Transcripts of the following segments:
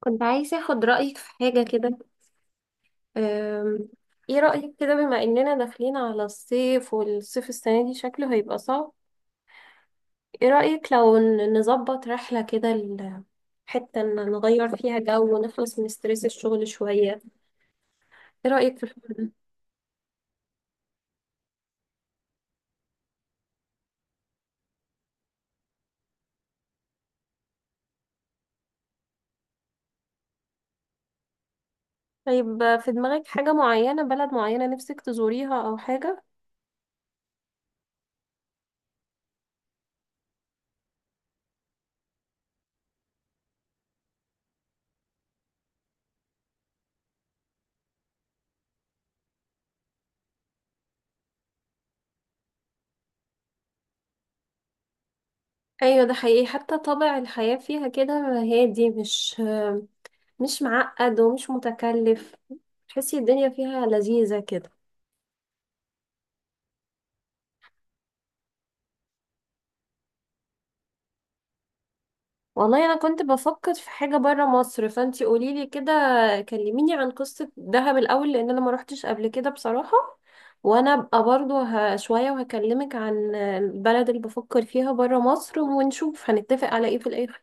كنت عايزة اخد رأيك في حاجة كده. أم، ايه رأيك كده، بما اننا داخلين على الصيف والصيف السنة دي شكله هيبقى صعب؟ ايه رأيك لو نظبط رحلة كده، حتة إن نغير فيها جو ونخلص من ستريس الشغل شوية؟ ايه رأيك في الحوار ده؟ طيب، في دماغك حاجة معينة، بلد معينة نفسك تزوريها او حاجة؟ ايوه ده حقيقي، حتى طابع الحياة فيها كده، هادي، مش معقد ومش متكلف، تحسي الدنيا فيها لذيذة كده. والله انا كنت بفكر في حاجه بره مصر، فانتي قوليلي كده، كلميني عن قصه دهب الاول، لان انا ما روحتش قبل كده بصراحه. وانا ابقى برضو شويه وهكلمك عن البلد اللي بفكر فيها بره مصر ونشوف هنتفق على ايه في الاخر.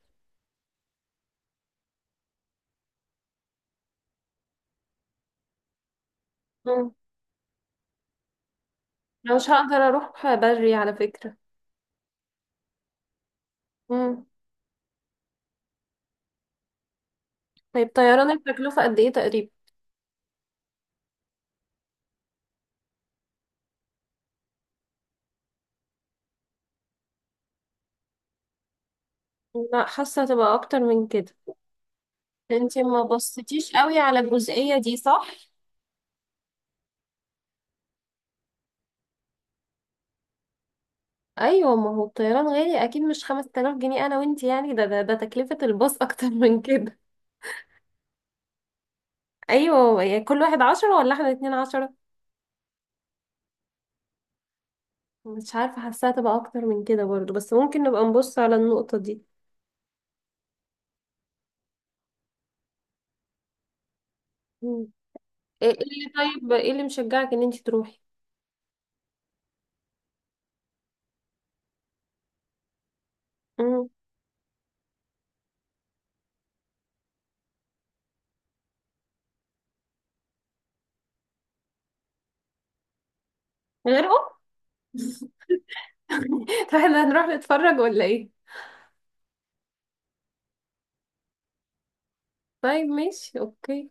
مم. انا مش هقدر اروح بري على فكره. مم. طيب طيران التكلفه قد ايه تقريبا؟ لا حاسه هتبقى اكتر من كده، انتي ما بصيتيش قوي على الجزئيه دي، صح؟ ايوه ما هو الطيران غالي اكيد، مش 5000 جنيه انا وانت، يعني ده تكلفة الباص اكتر من كده. ايوه يعني كل واحد عشرة ولا احنا الاتنين عشرة؟ مش عارفة حاساها تبقى اكتر من كده برضو، بس ممكن نبقى نبص على النقطة دي. مم. ايه إيه اللي طيب ايه اللي مشجعك ان انت تروحي؟ مم. غير ام فاحنا هنروح نتفرج ولا ايه؟ طيب ماشي اوكي.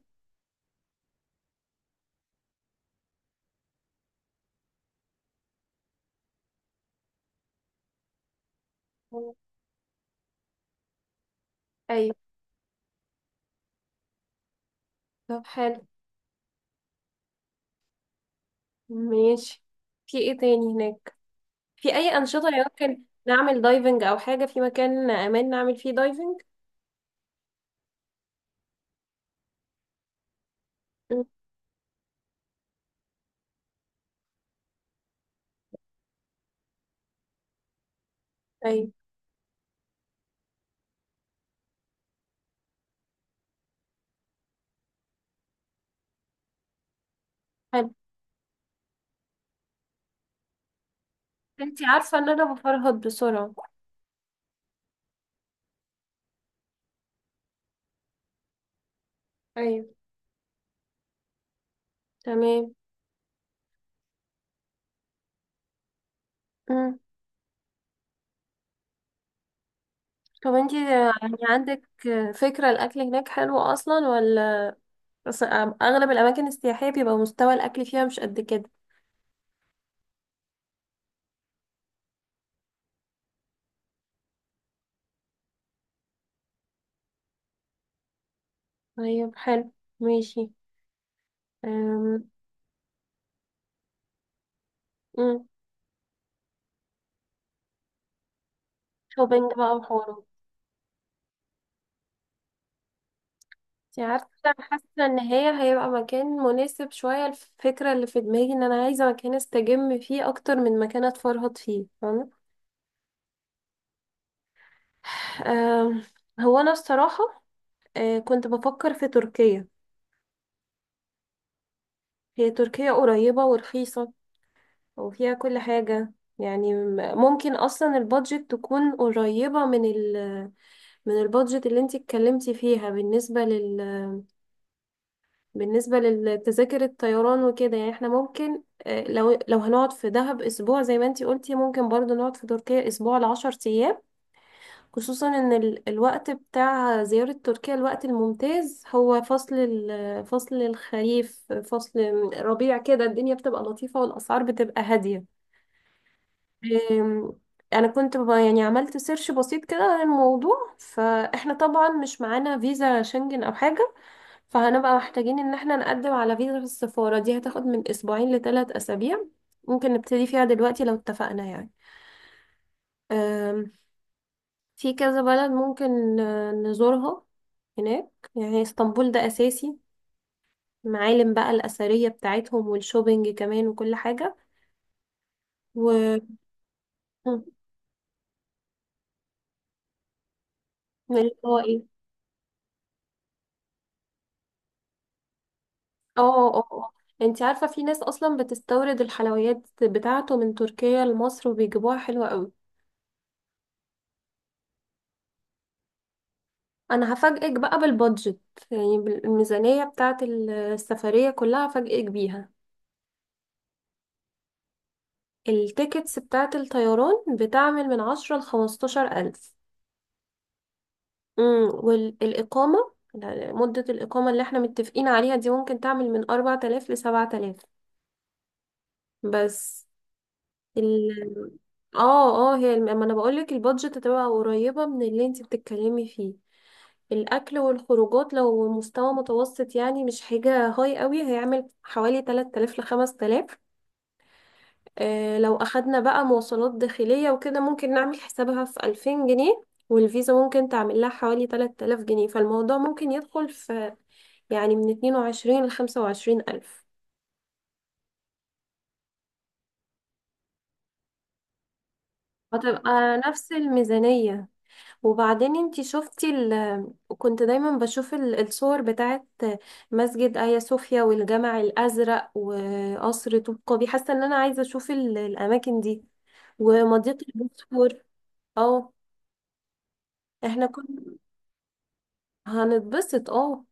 مم. ايوه، طب حلو، ماشي. في ايه تاني هناك؟ في اي انشطه يمكن نعمل دايفنج او حاجه، في مكان امان نعمل فيه دايفنج؟ مم. طيب حلو، انتي عارفه ان انا بفرهد بسرعه. ايوه، تمام. مم. طب انتي يعني عندك فكره، الاكل هناك حلو اصلا ولا أص- اغلب الاماكن السياحيه بيبقى مستوى الاكل فيها مش قد كده؟ طيب حلو، ماشي. أم، مم. شوبينج بقى وحوارات. انتي عارفة انا حاسة ان هي هيبقى مكان مناسب شوية. الفكرة اللي في دماغي ان انا عايزة مكان استجم فيه اكتر من مكان اتفرهد فيه، فاهمة؟ آم، هو انا الصراحة، كنت بفكر في تركيا. هي تركيا قريبة ورخيصة، وفيها كل حاجة. يعني ممكن اصلا البادجت تكون قريبة من من البادجت اللي انتي اتكلمتي فيها، بالنسبة للتذاكر الطيران وكده. يعني احنا ممكن، لو هنقعد في دهب اسبوع زي ما انتي قلتي، ممكن برضو نقعد في تركيا اسبوع لعشر ايام. خصوصا ان الوقت بتاع زيارة تركيا، الوقت الممتاز هو فصل الخريف، فصل ربيع كده، الدنيا بتبقى لطيفة والاسعار بتبقى هادية. آم، انا كنت يعني عملت سيرش بسيط كده عن الموضوع. فاحنا طبعا مش معانا فيزا شنجن او حاجة، فهنبقى محتاجين ان احنا نقدم على فيزا في السفارة، دي هتاخد من اسبوعين لثلاث اسابيع، ممكن نبتدي فيها دلوقتي لو اتفقنا يعني. أم، في كذا بلد ممكن نزورها هناك، يعني اسطنبول ده اساسي، معالم بقى الاثرية بتاعتهم والشوبينج كمان وكل حاجة. و... مم، اللي هو ايه؟ اه، اه، اه. انت عارفة في ناس اصلا بتستورد الحلويات بتاعته من تركيا لمصر وبيجيبوها حلوة قوي. انا هفاجئك بقى بالبادجت، يعني بالميزانية بتاعة السفرية كلها هفاجئك بيها. التيكتس بتاعة الطيران بتعمل من 10 لخمستاشر ألف. والإقامة، مدة الإقامة اللي احنا متفقين عليها دي ممكن تعمل من 4000 لسبعة آلاف بس. ال اه هي ما انا بقولك البادجت هتبقى قريبة من اللي انت بتتكلمي فيه. الأكل والخروجات لو مستوى متوسط، يعني مش حاجة هاي قوي، هيعمل حوالي 3000 ل 5000. لو أخدنا بقى مواصلات داخلية وكده، ممكن نعمل حسابها في 2000 جنيه، والفيزا ممكن تعمل لها حوالي 3000 جنيه. فالموضوع ممكن يدخل في، يعني من 22 ل 25 ألف، هتبقى نفس الميزانية. وبعدين انتي شفتي كنت دايما بشوف الصور بتاعت مسجد آيا صوفيا والجامع الأزرق وقصر طوب قابي، حاسة ان انا عايزة اشوف الأماكن دي ومضيق البوسفور. اه، احنا كنا هنتبسط، اه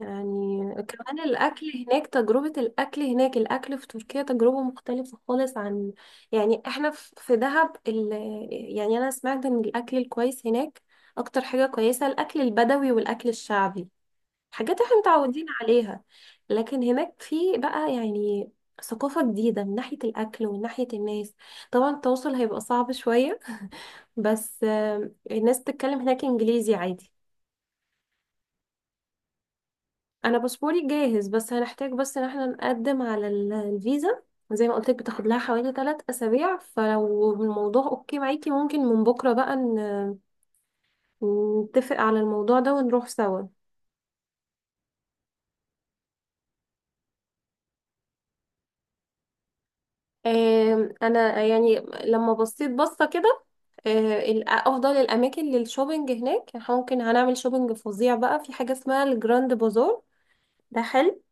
يعني. كمان الأكل هناك، تجربة الأكل هناك، الأكل في تركيا تجربة مختلفة خالص عن، يعني احنا في دهب يعني أنا سمعت ان الأكل الكويس هناك أكتر حاجة كويسة الأكل البدوي والأكل الشعبي، حاجات احنا متعودين عليها. لكن هناك في بقى يعني ثقافة جديدة من ناحية الأكل ومن ناحية الناس. طبعا التواصل هيبقى صعب شوية، بس الناس بتتكلم هناك إنجليزي عادي. أنا باسبوري جاهز، بس هنحتاج بس إن احنا نقدم على الفيزا، زي ما قلت لك بتاخد لها حوالي 3 أسابيع. فلو الموضوع أوكي معاكي، ممكن من بكرة بقى نتفق على الموضوع ده ونروح سوا. انا يعني لما بصيت بصة كده، افضل الاماكن للشوبينج هناك، إحنا ممكن هنعمل شوبينج فظيع بقى في حاجة اسمها الجراند بازار، ده حلو.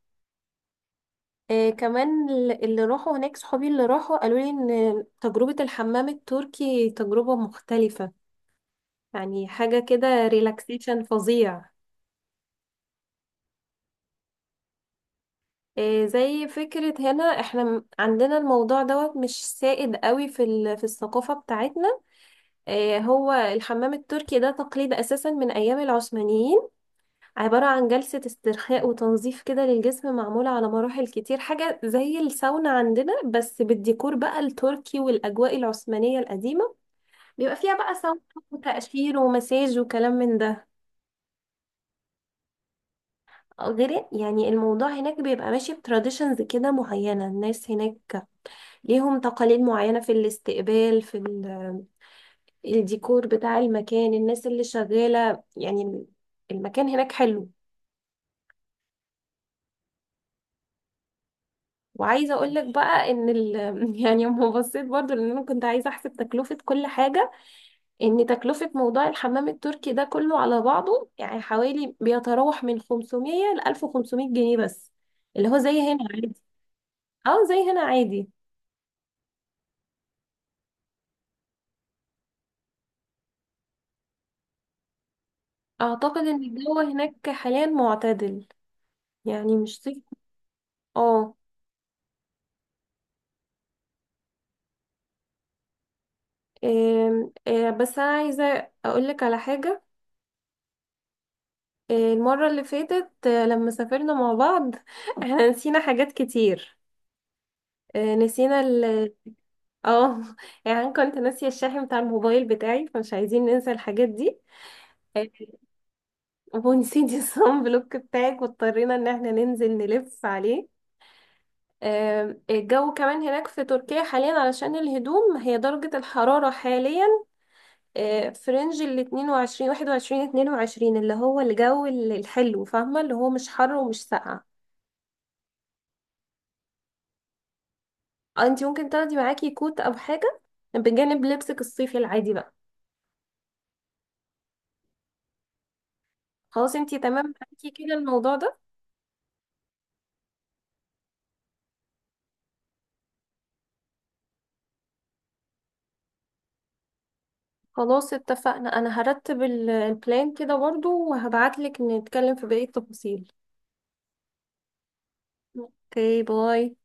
كمان اللي راحوا هناك، صحابي اللي راحوا قالوا لي ان تجربة الحمام التركي تجربة مختلفة، يعني حاجة كده ريلاكسيشن فظيع. زي فكرة هنا، احنا عندنا الموضوع دوت مش سائد قوي في الثقافة بتاعتنا. هو الحمام التركي ده تقليد أساسا من أيام العثمانيين، عبارة عن جلسة استرخاء وتنظيف كده للجسم، معمولة على مراحل كتير، حاجة زي الساونا عندنا بس بالديكور بقى التركي والأجواء العثمانية القديمة. بيبقى فيها بقى ساونا وتقشير ومساج وكلام من ده. غير يعني الموضوع هناك بيبقى ماشي بتراديشنز كده معينة، الناس هناك ليهم تقاليد معينة في الاستقبال، في الديكور بتاع المكان، الناس اللي شغالة يعني، المكان هناك حلو. وعايزة اقولك بقى ان يعني لما بصيت برضو، لان انا كنت عايزة احسب تكلفة كل حاجة، ان تكلفة موضوع الحمام التركي ده كله على بعضه يعني حوالي بيتراوح من 500 ل 1500 جنيه بس، اللي هو زي هنا عادي. اه، زي هنا عادي. اعتقد ان الجو هناك حاليا معتدل، يعني مش صيف. اه. آم، آه، بس انا عايزة اقولك على حاجة. المرة اللي فاتت لما سافرنا مع بعض، احنا نسينا حاجات كتير. نسينا اه, يعني أنا كنت ناسية الشاحن بتاع الموبايل بتاعي، فمش عايزين ننسى الحاجات دي. آه، ونسيت الصن بلوك بتاعك، واضطرينا ان احنا ننزل نلف عليه. الجو كمان هناك في تركيا حاليا، علشان الهدوم، هي درجة الحرارة حاليا في رينج ال 22 21 22، اللي هو الجو الحلو فاهمة، اللي هو مش حر ومش ساقع. اه، انت ممكن تاخدي معاكي كوت او حاجه بجانب لبسك الصيفي العادي بقى. خلاص، انت تمام معاكي كده الموضوع ده. خلاص اتفقنا، انا هرتب البلان كده برضو وهبعتلك نتكلم في بقيه التفاصيل. اوكي، باي.